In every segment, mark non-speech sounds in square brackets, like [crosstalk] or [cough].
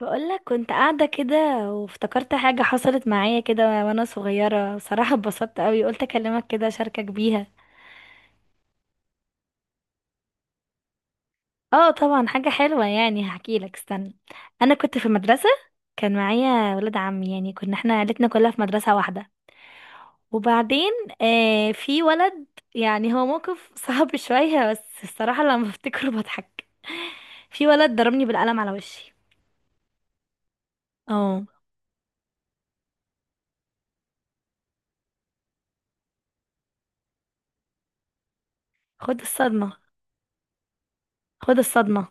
بقولك كنت قاعدة كده، وافتكرت حاجة حصلت معايا كده وانا صغيرة. صراحة اتبسطت قوي، قلت اكلمك كده اشاركك بيها. اه طبعا حاجة حلوة، يعني هحكيلك استنى. انا كنت في المدرسة، كان معايا ولد عمي. يعني كنا احنا عيلتنا كلها في مدرسة واحدة. وبعدين آه، في ولد، يعني هو موقف [laughs] صعب شوية، بس الصراحة لما بفتكره بضحك. في ولد ضربني بالقلم على وشي. اه، خد الصدمة. خد الصدمة.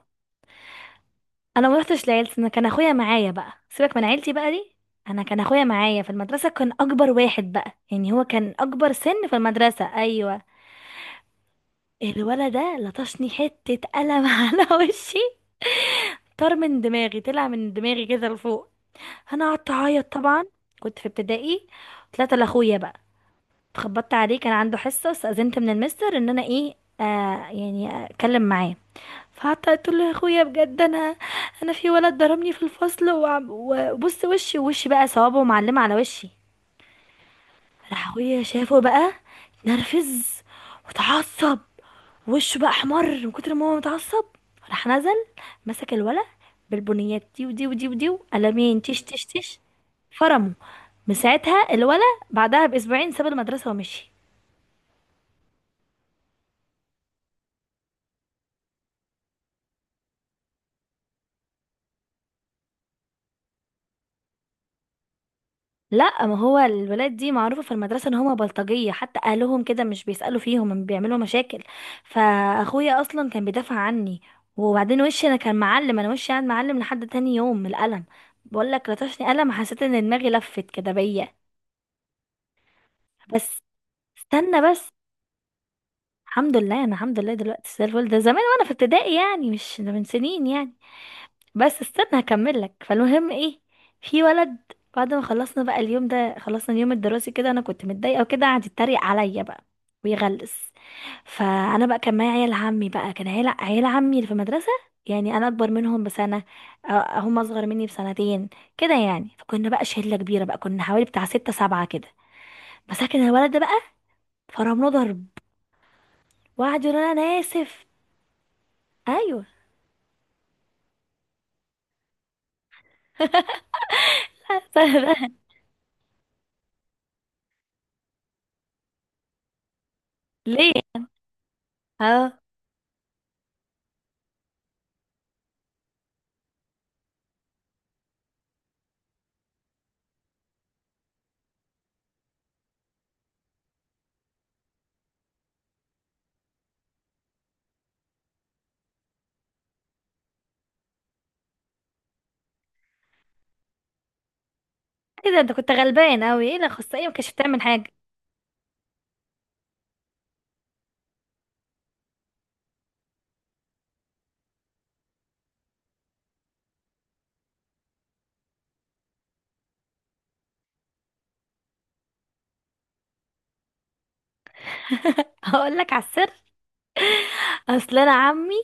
انا ما رحتش لعيلتي، انا كان اخويا معايا بقى، سيبك من عيلتي بقى دي. انا كان اخويا معايا في المدرسه، كان اكبر واحد بقى، يعني هو كان اكبر سن في المدرسه. ايوه. الولد ده لطشني حته قلم [laughs] على وشي. طار من دماغي، طلع من دماغي كده لفوق. انا قعدت اعيط طبعا. كنت في ابتدائي. طلعت لاخويا بقى، اتخبطت عليه، كان عنده حصه. استاذنت من المستر ان انا ايه، آه، يعني اتكلم معاه. فقعدت قلت له يا اخويا بجد انا، انا في ولد ضربني في الفصل وعم- وبص وشي، وشي بقى صوابعه معلمه على وشي. راح اخويا شافه بقى، اتنرفز وتعصب، وشه بقى احمر من كتر ما هو متعصب. راح نزل، مسك الولد بالبنيات دي ودي ودي ودي، قلمين، تش تش تش، فرمه. من ساعتها الولد بعدها باسبوعين ساب المدرسه ومشي. لا، ما هو الولاد دي معروفة في المدرسة ان هما بلطجية، حتى اهلهم كده مش بيسألوا فيهم، هم بيعملوا مشاكل. فاخويا اصلا كان بيدافع عني. وبعدين وشي انا كان معلم، انا وشي قاعد معلم لحد تاني يوم من القلم. بقول لك لطشني قلم، حسيت ان دماغي لفت كده بيا. بس، استنى بس. الحمد لله، انا الحمد لله دلوقتي زي الفل. ده زمان وانا في ابتدائي يعني، مش ده من سنين يعني. بس استنى هكمل لك. فالمهم ايه، في ولد، بعد ما خلصنا بقى اليوم ده، خلصنا اليوم الدراسي كده، انا كنت متضايقه وكده، قعد يتريق عليا بقى ويغلس. فانا بقى كان معايا عيال عمي بقى، كان عيال عمي اللي في المدرسه. يعني انا اكبر منهم بسنه، أ- هم اصغر مني بسنتين كده يعني. فكنا بقى شله كبيره بقى، كنا حوالي بتاع ستة سبعة كده. مسكن الولد ده بقى، فرمناه ضرب، وقعد يقول انا اسف. ايوه. لا. [laughs] ليه؟ اه، ايه ده؟ انت كنت غلبان قوي، ايه اللي خص؟ ايه، ما كانش بتعمل حاجه؟ [laughs] هقول لك على السر. اصل انا عمي،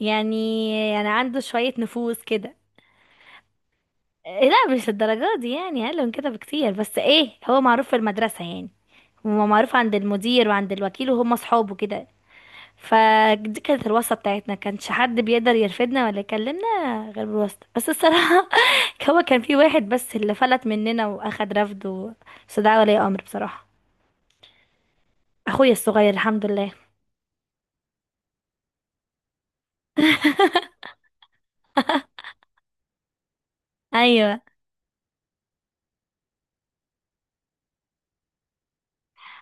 يعني يعني عنده شويه نفوذ كده. إيه؟ لا مش الدرجات دي، يعني اقل من كده بكتير، بس ايه، هو معروف في المدرسه يعني، هو معروف عند المدير وعند الوكيل وهم اصحابه كده. فدي كانت الواسطه بتاعتنا، كانش حد بيقدر يرفدنا ولا يكلمنا غير بالواسطه. بس الصراحه [laughs] هو كان في واحد بس اللي فلت مننا واخد رفض بس ده ولي امر بصراحه. اخويا الصغير الحمد لله. ايوه.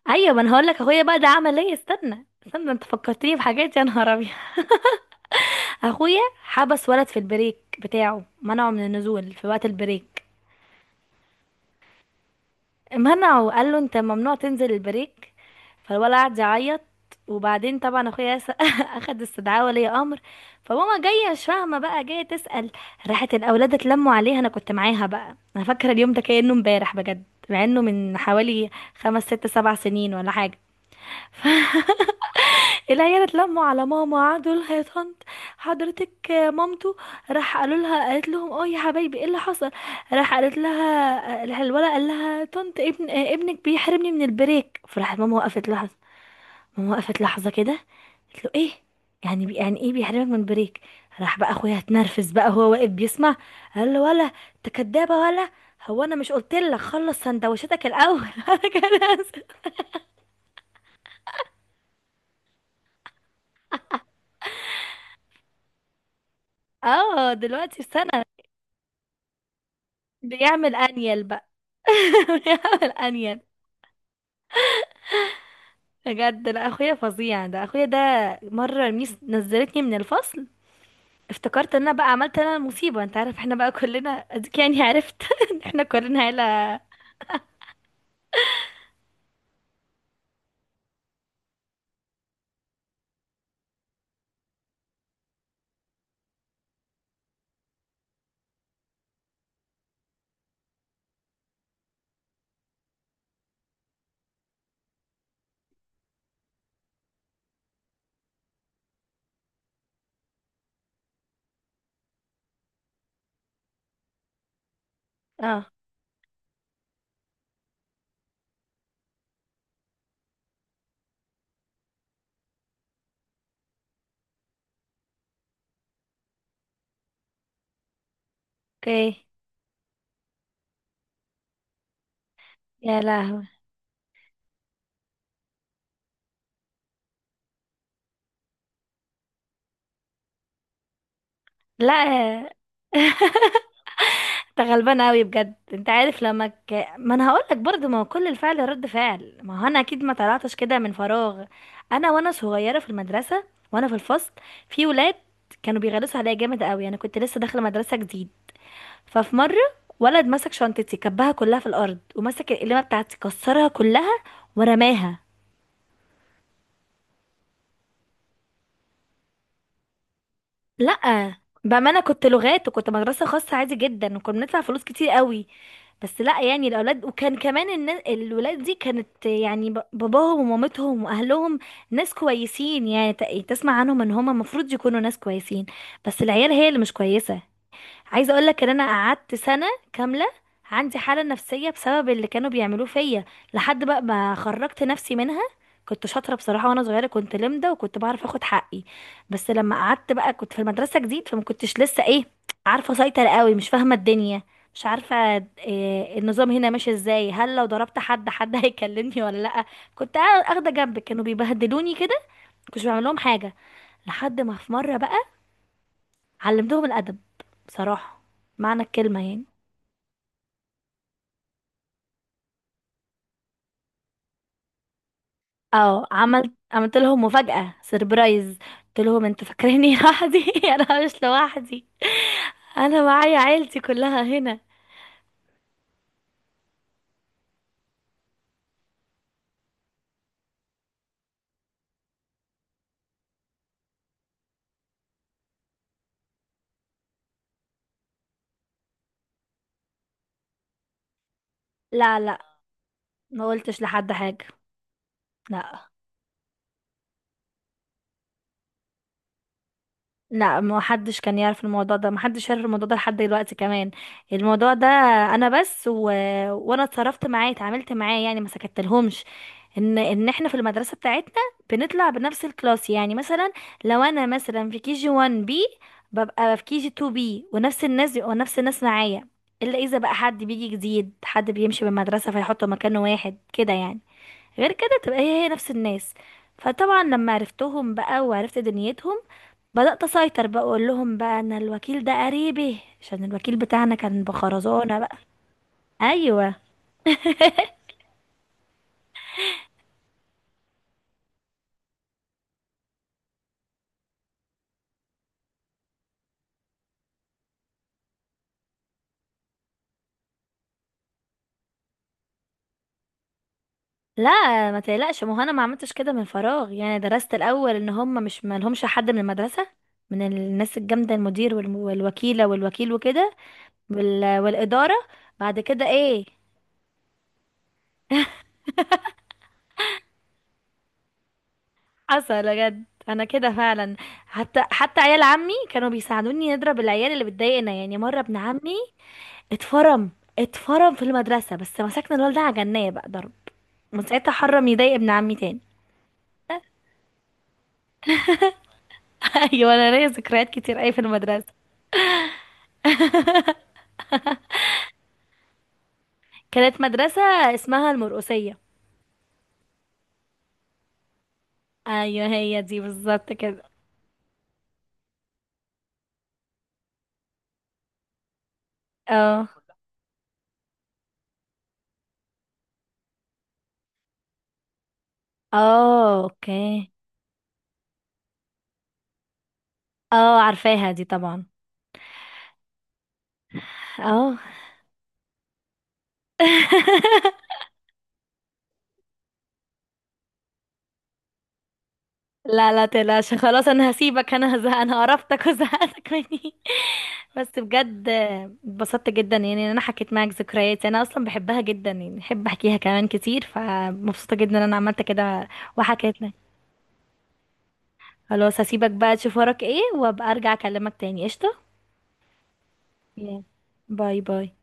ايوه، ما انا هقول لك اخويا بقى ده عمل ايه، استنى استنى، انت فكرتني بحاجات، يا نهار ابيض. [laughs] اخويا حبس ولد في البريك بتاعه، منعه من النزول في وقت البريك. منعه، قال له انت ممنوع تنزل البريك. فالولد قعد يعيط. وبعدين طبعا اخويا [laughs] اخد استدعاء ولي امر. فماما جايه مش فاهمه بقى، جايه تسال. راحت الاولاد اتلموا عليها، انا كنت معاها بقى، انا فاكره اليوم ده كانه امبارح بجد، مع انه من حوالي خمس ست سبع سنين ولا حاجه. [laughs] العيال اتلموا على ماما، قعدوا لها يا طنط، حضرتك مامته. راح قالوا لها، قالت لهم اه يا حبايبي ايه اللي حصل. راح قالت لها، راح الولد قال لها طنط ابن، آه، ابنك بيحرمني من البريك. فراحت ماما وقفت لحظه. ماما وقفت لحظه كده، قالت له ايه؟ يعني بي، يعني ايه بيحرمك من البريك؟ راح بقى اخويا اتنرفز بقى، هو واقف بيسمع، قال له ولا، انت كدابه ولا؟ هو انا مش قلت لك خلص سندوتشاتك الاول؟ [laughs] انا كان آسف. اه دلوقتي في سنه. بيعمل انيل بقى، [laughs] بيحاول انيل. بجد، لا اخويا فظيع، ده اخويا ده. مره الميس نزلتني من الفصل، افتكرت ان انا بقى عملت انا المصيبه، انت عارف احنا بقى كلنا اديك يعني، عرفت [laughs] إن احنا كلنا عيله. اه. اوكي. يا لهوي. لا. [laughs] انت غلبان قوي بجد. انت عارف، ما انا هقول لك برضه، ما هو كل الفعل رد فعل، ما هو انا اكيد ما طلعتش كده من فراغ. انا وانا صغيره في المدرسه، وانا في الفصل، في ولاد كانوا بيغلسوا عليا جامد قوي، انا كنت لسه داخله مدرسه جديد. ففي مرة، ولد مسك شنطتي كبها كلها في الأرض، ومسك القلمة بتاعتي كسرها كلها ورماها. لأ. بأمانة، كنت لغات وكنت مدرسة خاصة عادي جدا، وكنا بندفع فلوس كتير قوي. بس لأ، يعني الأولاد، وكان كمان الولاد دي كانت يعني، باباهم ومامتهم وأهلهم ناس كويسين، يعني تسمع عنهم إن هما المفروض يكونوا ناس كويسين، بس العيال هي اللي مش كويسة. عايزه اقول لك ان انا قعدت سنه كامله عندي حاله نفسيه بسبب اللي كانوا بيعملوه فيا، لحد بقى ما خرجت نفسي منها. كنت شاطره بصراحه وانا صغيره، كنت لمده وكنت بعرف اخد حقي. بس لما قعدت بقى كنت في المدرسه جديد، فما كنتش لسه ايه، عارفه اسيطر قوي، مش فاهمه الدنيا، مش عارفه إيه النظام هنا ماشي ازاي، هل لو ضربت حد، حد [laughs] هيكلمني ولا لا. كنت اخده جنب، كانوا بيبهدلوني كده، كنتش بعمل لهم حاجه. لحد ما في مره بقى علمتهم الادب بصراحه، معنى الكلمه يعني. اه، عملت عملت لهم مفاجأة، سيربرايز. قلت لهم انتوا فاكريني لوحدي؟ [laughs] انا مش لوحدي، انا معايا عيلتي كلها هنا. لا لا، ما قلتش لحد حاجة. لا لا، ما حدش كان يعرف الموضوع ده، ما حدش يعرف الموضوع ده لحد دلوقتي كمان. الموضوع ده انا بس وانا اتصرفت معاه، اتعاملت معاه، يعني ما سكتلهمش. ان ان احنا في المدرسه بتاعتنا بنطلع بنفس الكلاس يعني. مثلا لو انا مثلا في كي جي 1 بي، ببقى في كي جي 2 بي، ونفس الناس بيبقوا نفس الناس معايا، الا اذا بقى حد بيجي جديد، حد بيمشي بالمدرسه فيحطه مكانه واحد كده يعني. غير كده تبقى هي هي نفس الناس. فطبعا لما عرفتهم بقى وعرفت دنيتهم، بدأت أسيطر بقى، أقول لهم بقى أن الوكيل ده قريبي، عشان الوكيل بتاعنا كان بخرزونة بقى. أيوة. لا ما تقلقش، ما هو أنا ما عملتش كده من فراغ، يعني درست الأول إن هم مش، ما لهمش حد من المدرسة، من الناس الجامدة، المدير والوكيلة والوكيل وكده، والإدارة. بعد كده إيه، حصل بجد أنا كده فعلا. حتى حتى عيال عمي كانوا بيساعدوني نضرب العيال اللي بتضايقنا. يعني مرة ابن عمي اتفرم، اتفرم في المدرسة، بس مسكنا الولد ده عجناه بقى ضرب، من ساعتها حرم يضايق ابن عمي تاني. [laughs] ايوه انا ليا ذكريات كتير اي في المدرسة. كانت مدرسة اسمها المرقسية. ايوه هي دي بالظبط كده. اه. اه اوكي. اه عارفاها دي طبعا. اه. [laughs] لا لا تقلقش، خلاص انا هسيبك، انا هزهق، انا قرفتك وزهقتك مني. بس بجد، اتبسطت جدا يعني ان انا حكيت معاك ذكرياتي، انا اصلا بحبها جدا، يعني بحب احكيها كمان كتير، فمبسوطه جدا ان انا عملت كده وحكيت لك. خلاص هسيبك بقى تشوف وراك ايه، وابقى ارجع اكلمك تاني. قشطه. Yeah. باي باي.